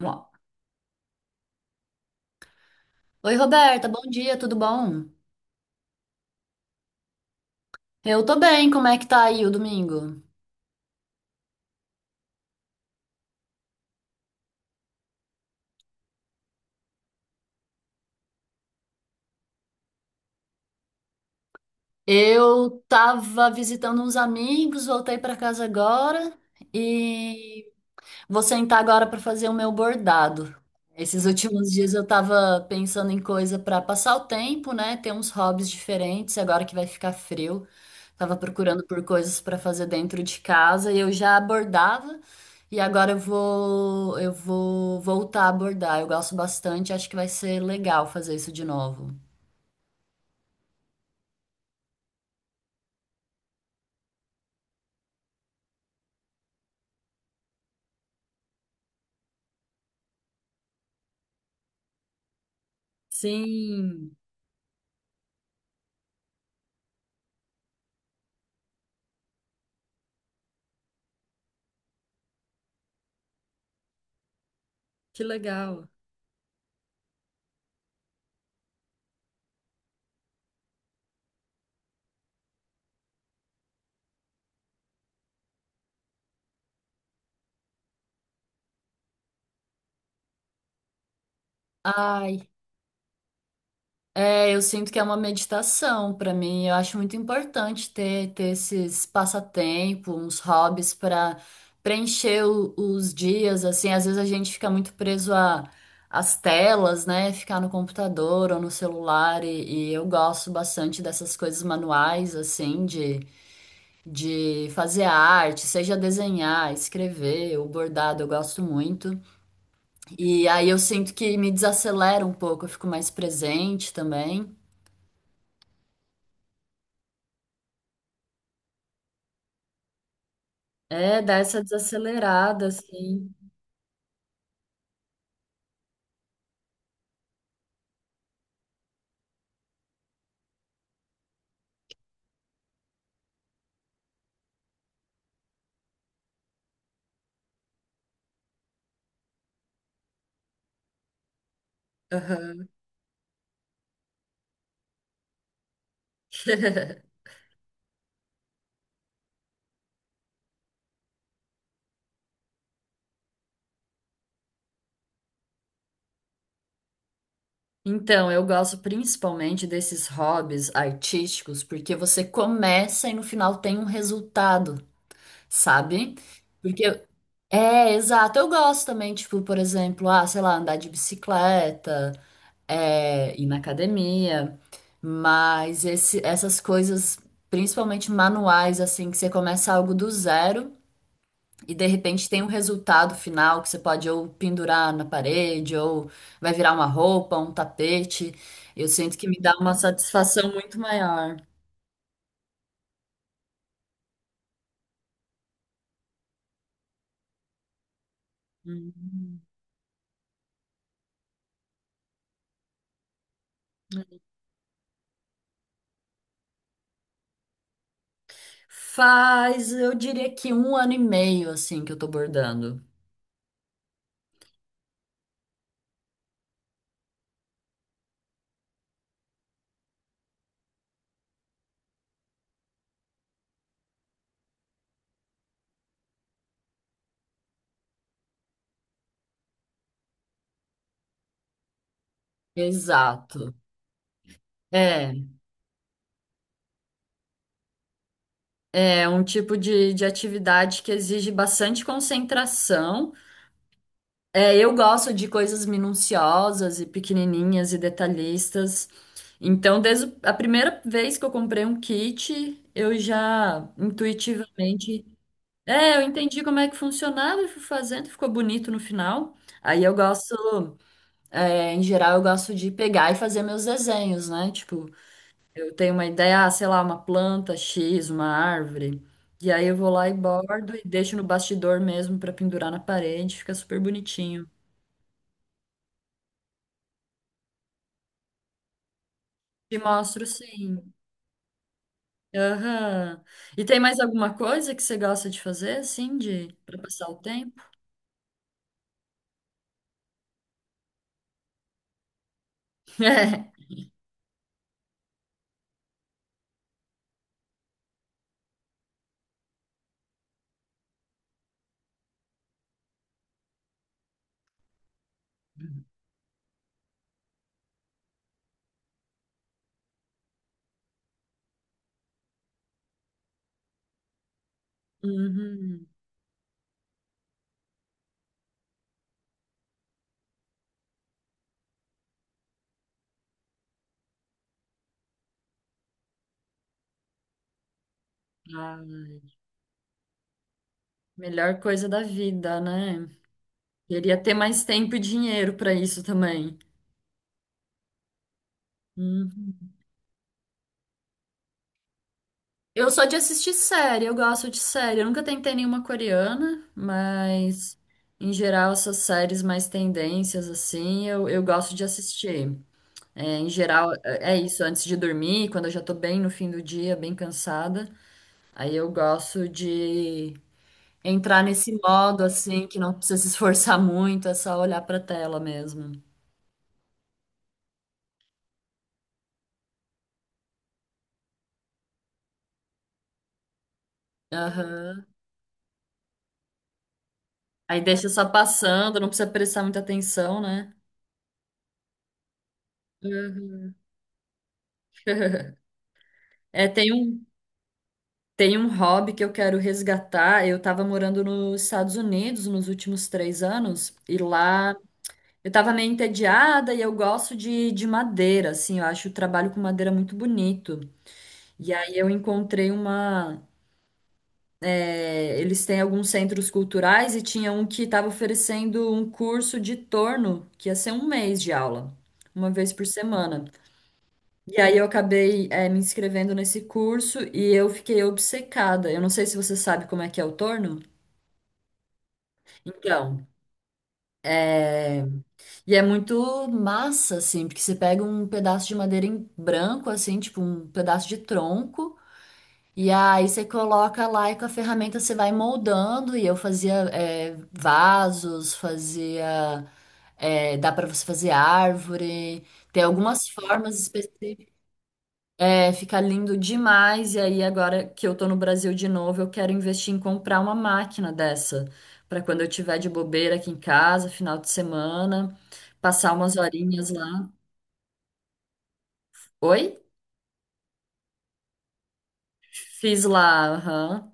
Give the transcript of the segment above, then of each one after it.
Bom. Oi, Roberta, bom dia, tudo bom? Eu tô bem, como é que tá aí o domingo? Eu tava visitando uns amigos, voltei pra casa agora e vou sentar agora para fazer o meu bordado. Esses últimos dias eu estava pensando em coisa para passar o tempo, né? Ter uns hobbies diferentes, agora que vai ficar frio. Tava procurando por coisas para fazer dentro de casa e eu já bordava e agora eu vou voltar a bordar. Eu gosto bastante, acho que vai ser legal fazer isso de novo. Sim, que legal. Ai, é, eu sinto que é uma meditação para mim. Eu acho muito importante ter esses passatempos, uns hobbies para preencher os dias. Assim, às vezes a gente fica muito preso a, às telas, né? Ficar no computador ou no celular. E eu gosto bastante dessas coisas manuais, assim, de fazer arte, seja desenhar, escrever, o bordado, eu gosto muito. E aí eu sinto que me desacelera um pouco, eu fico mais presente também. É, dá essa desacelerada, assim. Aham. Então, eu gosto principalmente desses hobbies artísticos, porque você começa e no final tem um resultado, sabe? Porque é, exato, eu gosto também, tipo, por exemplo, ah, sei lá, andar de bicicleta, é, ir na academia, mas esse, essas coisas, principalmente manuais, assim, que você começa algo do zero. E de repente tem um resultado final que você pode ou pendurar na parede, ou vai virar uma roupa, um tapete. Eu sinto que me dá uma satisfação muito maior. Uhum. Faz, eu diria que 1 ano e meio assim que eu tô bordando. Exato. É, é um tipo de atividade que exige bastante concentração. É, eu gosto de coisas minuciosas e pequenininhas e detalhistas. Então, desde a primeira vez que eu comprei um kit, eu já intuitivamente, eu entendi como é que funcionava e fui fazendo, ficou bonito no final. Aí eu gosto, em geral, eu gosto de pegar e fazer meus desenhos, né? Tipo, eu tenho uma ideia, ah, sei lá, uma planta X, uma árvore. E aí eu vou lá e bordo e deixo no bastidor mesmo para pendurar na parede, fica super bonitinho. Te mostro, sim. Aham. E tem mais alguma coisa que você gosta de fazer, assim, de para passar o tempo? É. Uhum. Ah, melhor coisa da vida, né? Queria ter mais tempo e dinheiro para isso também. Uhum. Eu sou de assistir série, eu gosto de série. Eu nunca tentei nenhuma coreana, mas em geral essas séries mais tendências, assim, eu gosto de assistir. É, em geral, é isso, antes de dormir, quando eu já tô bem no fim do dia, bem cansada, aí eu gosto de entrar nesse modo assim, que não precisa se esforçar muito, é só olhar pra tela mesmo. Aham. Aí deixa só passando, não precisa prestar muita atenção, né? Uhum. É, tem um hobby que eu quero resgatar. Eu estava morando nos Estados Unidos nos últimos 3 anos, e lá eu tava meio entediada e eu gosto de madeira, assim, eu acho o trabalho com madeira muito bonito. E aí eu encontrei uma. Eles têm alguns centros culturais e tinha um que estava oferecendo um curso de torno, que ia ser 1 mês de aula, uma vez por semana. E aí eu acabei, me inscrevendo nesse curso e eu fiquei obcecada. Eu não sei se você sabe como é que é o torno. Então. é, E é muito massa, assim, porque você pega um pedaço de madeira em branco, assim, tipo um pedaço de tronco, e aí você coloca lá e com a ferramenta você vai moldando. E eu fazia vasos, fazia. Dá pra você fazer árvore, tem algumas formas específicas. É, fica lindo demais. E aí, agora que eu tô no Brasil de novo, eu quero investir em comprar uma máquina dessa, pra quando eu tiver de bobeira aqui em casa, final de semana, passar umas horinhas lá. Oi? Fiz lá, aham.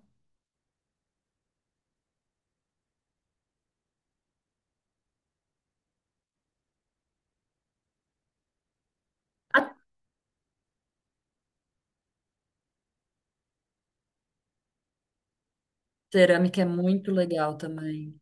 A cerâmica é muito legal também.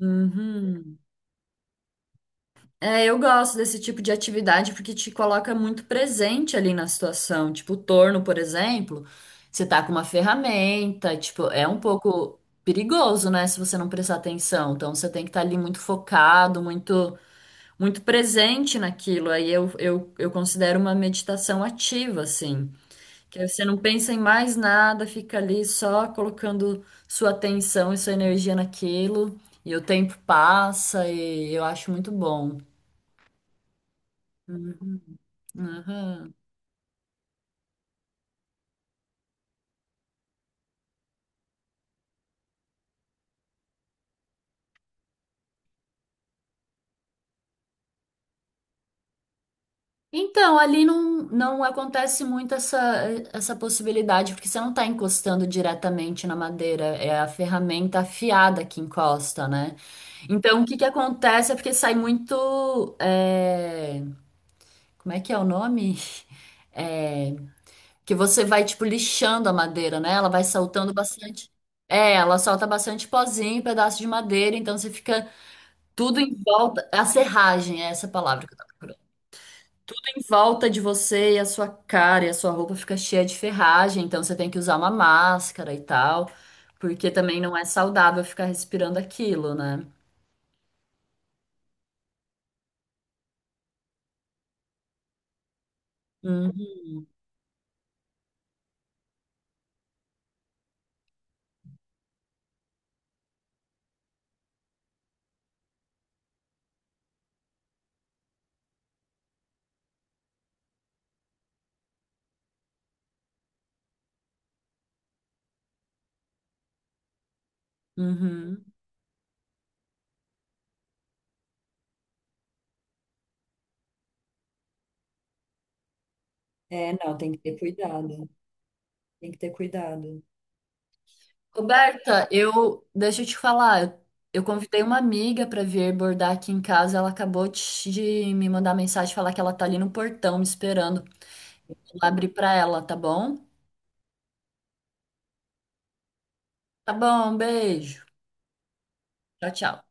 Uhum. É, eu gosto desse tipo de atividade porque te coloca muito presente ali na situação. Tipo, o torno, por exemplo, você tá com uma ferramenta, tipo, é um pouco perigoso, né, se você não prestar atenção. Então, você tem que estar ali muito focado, muito, muito presente naquilo. Aí eu considero uma meditação ativa, assim. Que você não pensa em mais nada, fica ali só colocando sua atenção e sua energia naquilo, e o tempo passa, e eu acho muito bom. Uhum, uhum. Então, ali não, não acontece muito essa possibilidade, porque você não está encostando diretamente na madeira, é a ferramenta afiada que encosta, né? Então, o que que acontece é porque sai muito. Como é que é o nome? É, que você vai, tipo, lixando a madeira, né? Ela vai soltando bastante. É, ela solta bastante pozinho, pedaço de madeira, então você fica tudo em volta. A serragem é essa palavra que eu tava procurando. Em volta de você e a sua cara e a sua roupa fica cheia de ferragem, então você tem que usar uma máscara e tal, porque também não é saudável ficar respirando aquilo, né? Uhum. Uhum. É, não, tem que ter cuidado. Tem que ter cuidado. Roberta, eu deixa eu te falar, eu convidei uma amiga para vir bordar aqui em casa, ela acabou de me mandar mensagem falar que ela tá ali no portão me esperando. Eu vou lá abrir para ela, tá bom? Tá bom, um beijo. Tchau, tchau.